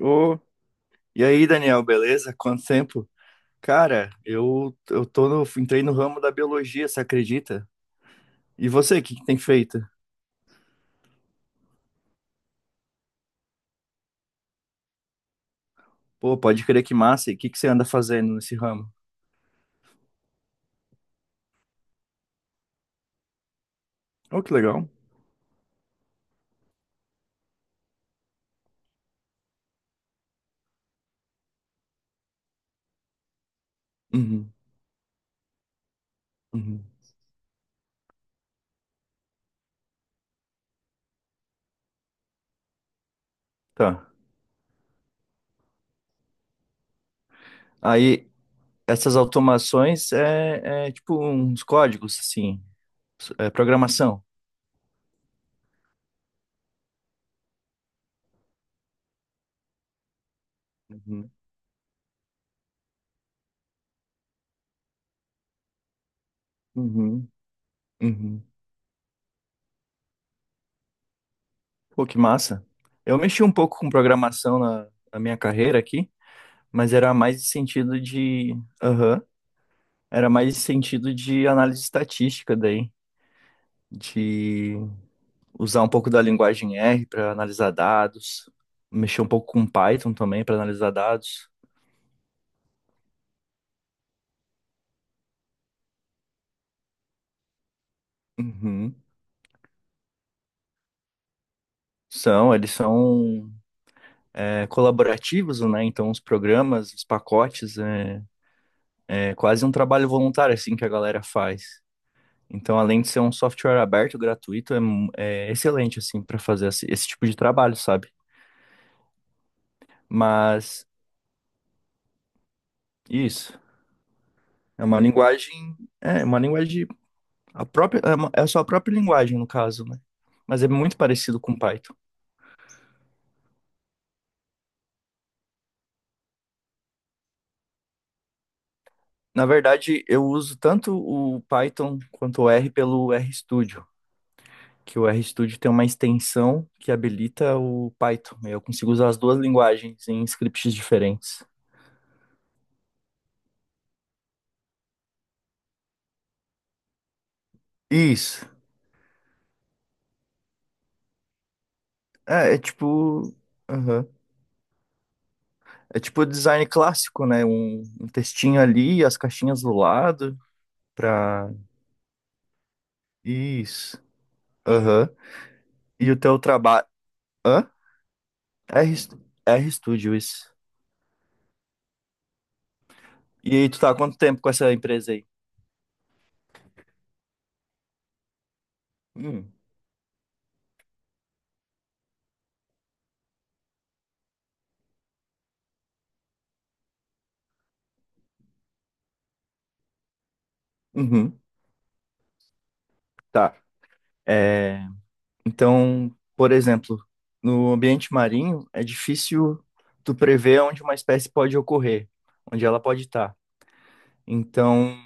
Ô, e aí, Daniel, beleza? Quanto tempo? Cara, eu tô no, entrei no ramo da biologia, você acredita? E você, o que que tem feito? Pô, pode crer que massa, e o que que você anda fazendo nesse ramo? Ô, que legal. Uhum, uhum. Tá. Aí, essas automações é tipo uns códigos, assim, é programação. Uhum, uhum, uhum. Pô, que massa. Eu mexi um pouco com programação na minha carreira aqui, mas era mais no sentido de. Aham. Era mais sentido de análise estatística daí, de usar um pouco da linguagem R para analisar dados, mexer um pouco com Python também para analisar dados. Uhum. São, eles são colaborativos, né? Então os programas, os pacotes, é quase um trabalho voluntário assim que a galera faz. Então, além de ser um software aberto, gratuito, é excelente assim para fazer esse tipo de trabalho, sabe? Mas isso é uma linguagem, é uma linguagem. A própria, é a sua própria linguagem, no caso, né? Mas é muito parecido com Python. Na verdade, eu uso tanto o Python quanto o R pelo RStudio, que o RStudio tem uma extensão que habilita o Python. Eu consigo usar as duas linguagens em scripts diferentes. Isso. É tipo. Aham. É tipo design clássico, né? Um textinho ali, as caixinhas do lado, pra. Isso. Aham. E o teu trabalho. Hã? RStudio, isso. E aí, tu tá há quanto tempo com essa empresa aí? Hum, uhum, tá. É, então, por exemplo, no ambiente marinho, é difícil tu prever onde uma espécie pode ocorrer, onde ela pode estar. Então,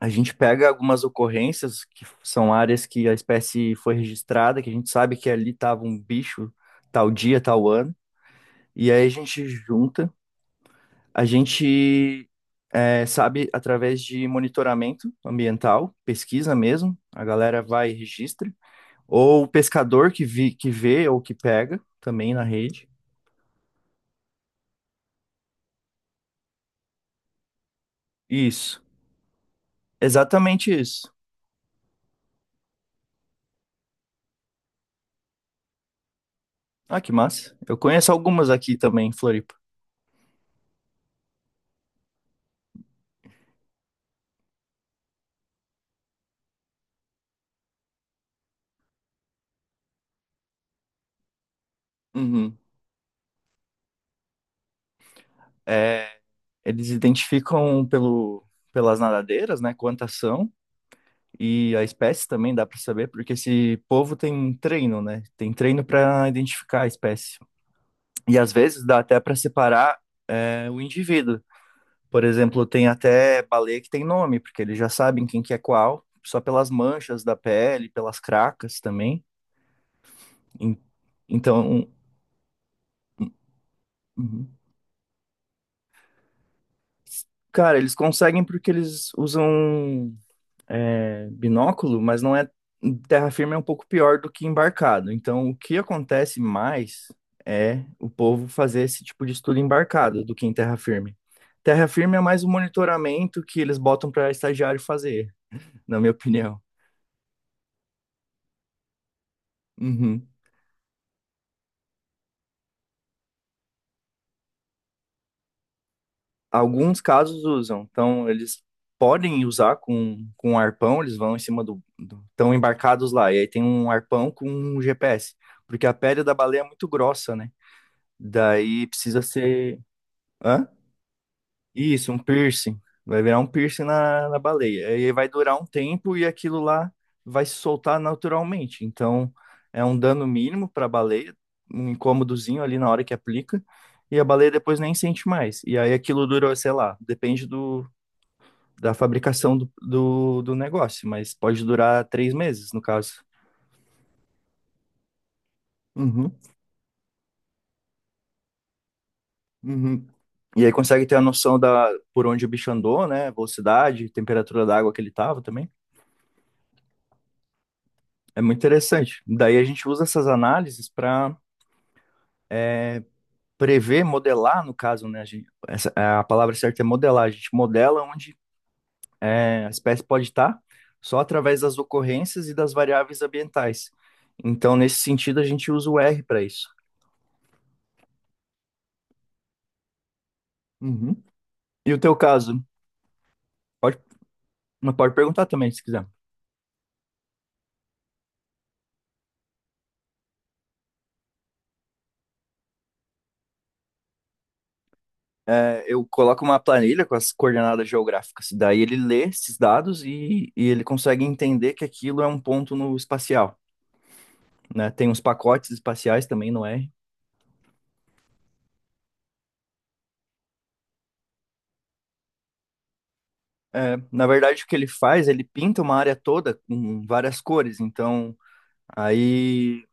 a gente pega algumas ocorrências, que são áreas que a espécie foi registrada, que a gente sabe que ali estava um bicho tal dia, tal ano, e aí a gente junta. A gente sabe através de monitoramento ambiental, pesquisa mesmo, a galera vai e registra, ou o pescador que vê ou que pega também na rede. Isso, exatamente isso. Ah, que massa. Eu conheço algumas aqui também em Floripa. Uhum. É, Eles identificam pelas nadadeiras, né, quantas são, e a espécie também dá para saber, porque esse povo tem treino, né? Tem treino para identificar a espécie. E às vezes dá até para separar o indivíduo. Por exemplo, tem até baleia que tem nome, porque eles já sabem quem que é qual, só pelas manchas da pele, pelas cracas também. En- Então, uhum, cara, eles conseguem porque eles usam binóculo, mas não é terra firme é um pouco pior do que embarcado. Então, o que acontece mais é o povo fazer esse tipo de estudo embarcado do que em terra firme. Terra firme é mais um monitoramento que eles botam para estagiário fazer, na minha opinião. Uhum. Alguns casos usam, então eles podem usar com um arpão, eles vão em cima do, do. Estão embarcados lá, e aí tem um arpão com um GPS, porque a pele da baleia é muito grossa, né? Daí precisa ser. Hã? Isso, um piercing. Vai virar um piercing na baleia. Aí vai durar um tempo e aquilo lá vai se soltar naturalmente. Então, é um dano mínimo para a baleia, um incômodozinho ali na hora que aplica, e a baleia depois nem sente mais. E aí aquilo dura, sei lá, depende da fabricação do negócio, mas pode durar três meses, no caso. Uhum, uhum. E aí consegue ter a noção da por onde o bicho andou, né? Velocidade, temperatura da água que ele tava também. É muito interessante. Daí a gente usa essas análises para prever, modelar, no caso, né? A palavra certa é modelar. A gente modela onde a espécie pode estar só através das ocorrências e das variáveis ambientais. Então, nesse sentido, a gente usa o R para isso. Uhum. E o teu caso? Pode, pode perguntar também, se quiser. É, eu coloco uma planilha com as coordenadas geográficas. Daí ele lê esses dados e ele consegue entender que aquilo é um ponto no espacial, né? Tem uns pacotes espaciais também no R. Na verdade, o que ele faz, ele pinta uma área toda com várias cores. Então, aí,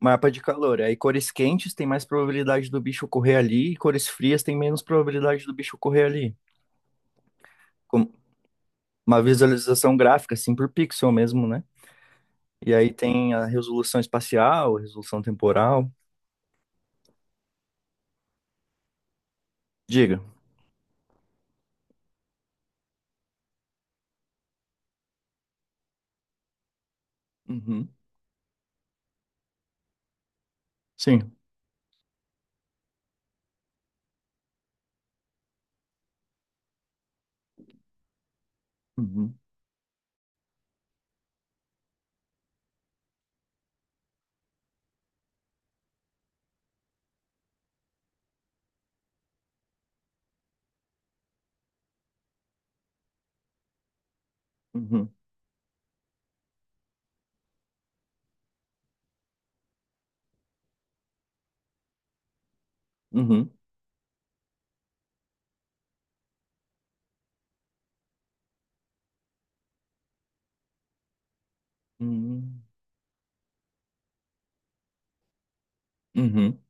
mapa de calor. Aí, cores quentes tem mais probabilidade do bicho correr ali, e cores frias tem menos probabilidade do bicho correr ali. Com uma visualização gráfica, assim, por pixel mesmo, né? E aí tem a resolução espacial, resolução temporal. Diga. Uhum. Sim. Uhum. Uhum. Uhum. Uhum. Uhum.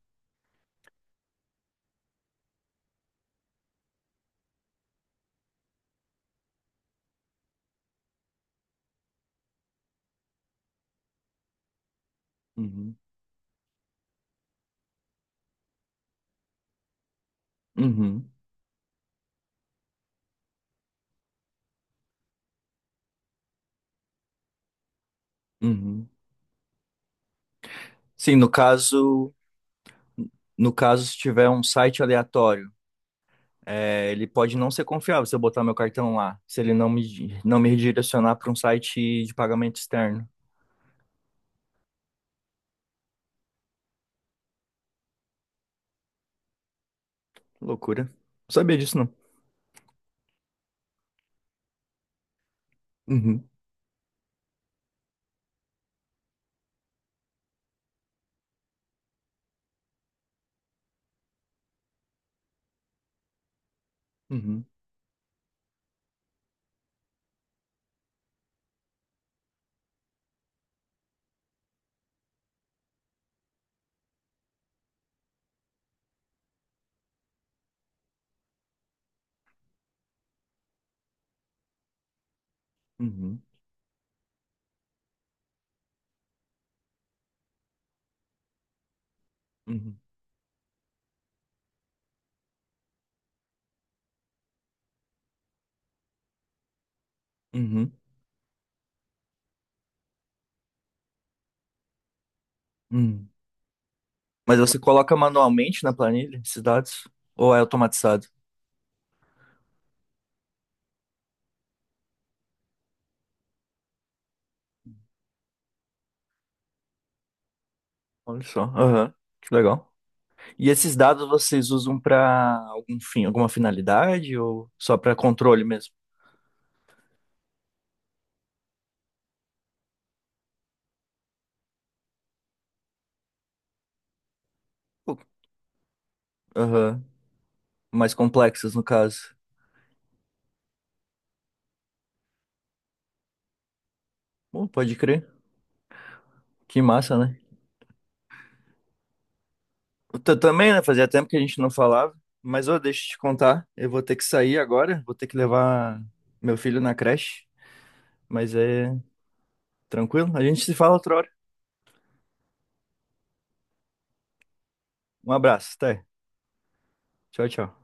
Uhum. Uhum. Uhum. Sim, no caso. No caso, se tiver um site aleatório, ele pode não ser confiável se eu botar meu cartão lá, se ele não me redirecionar para um site de pagamento externo. Loucura. Não sabia disso, não. Uhum, uhum, uhum, uhum, uhum, uhum. Mas você coloca manualmente na planilha esses dados? Ou é automatizado? Olha só. Aham, que legal. E esses dados vocês usam para algum fim, alguma finalidade ou só para controle mesmo? Pô, aham. Mais complexas, no caso. Pô, pode crer. Que massa, né? Eu também, né? Fazia tempo que a gente não falava. Mas, ô, deixa eu te contar. Eu vou ter que sair agora. Vou ter que levar meu filho na creche. Mas é tranquilo. A gente se fala outra hora. Um abraço. Até. Tchau, tchau.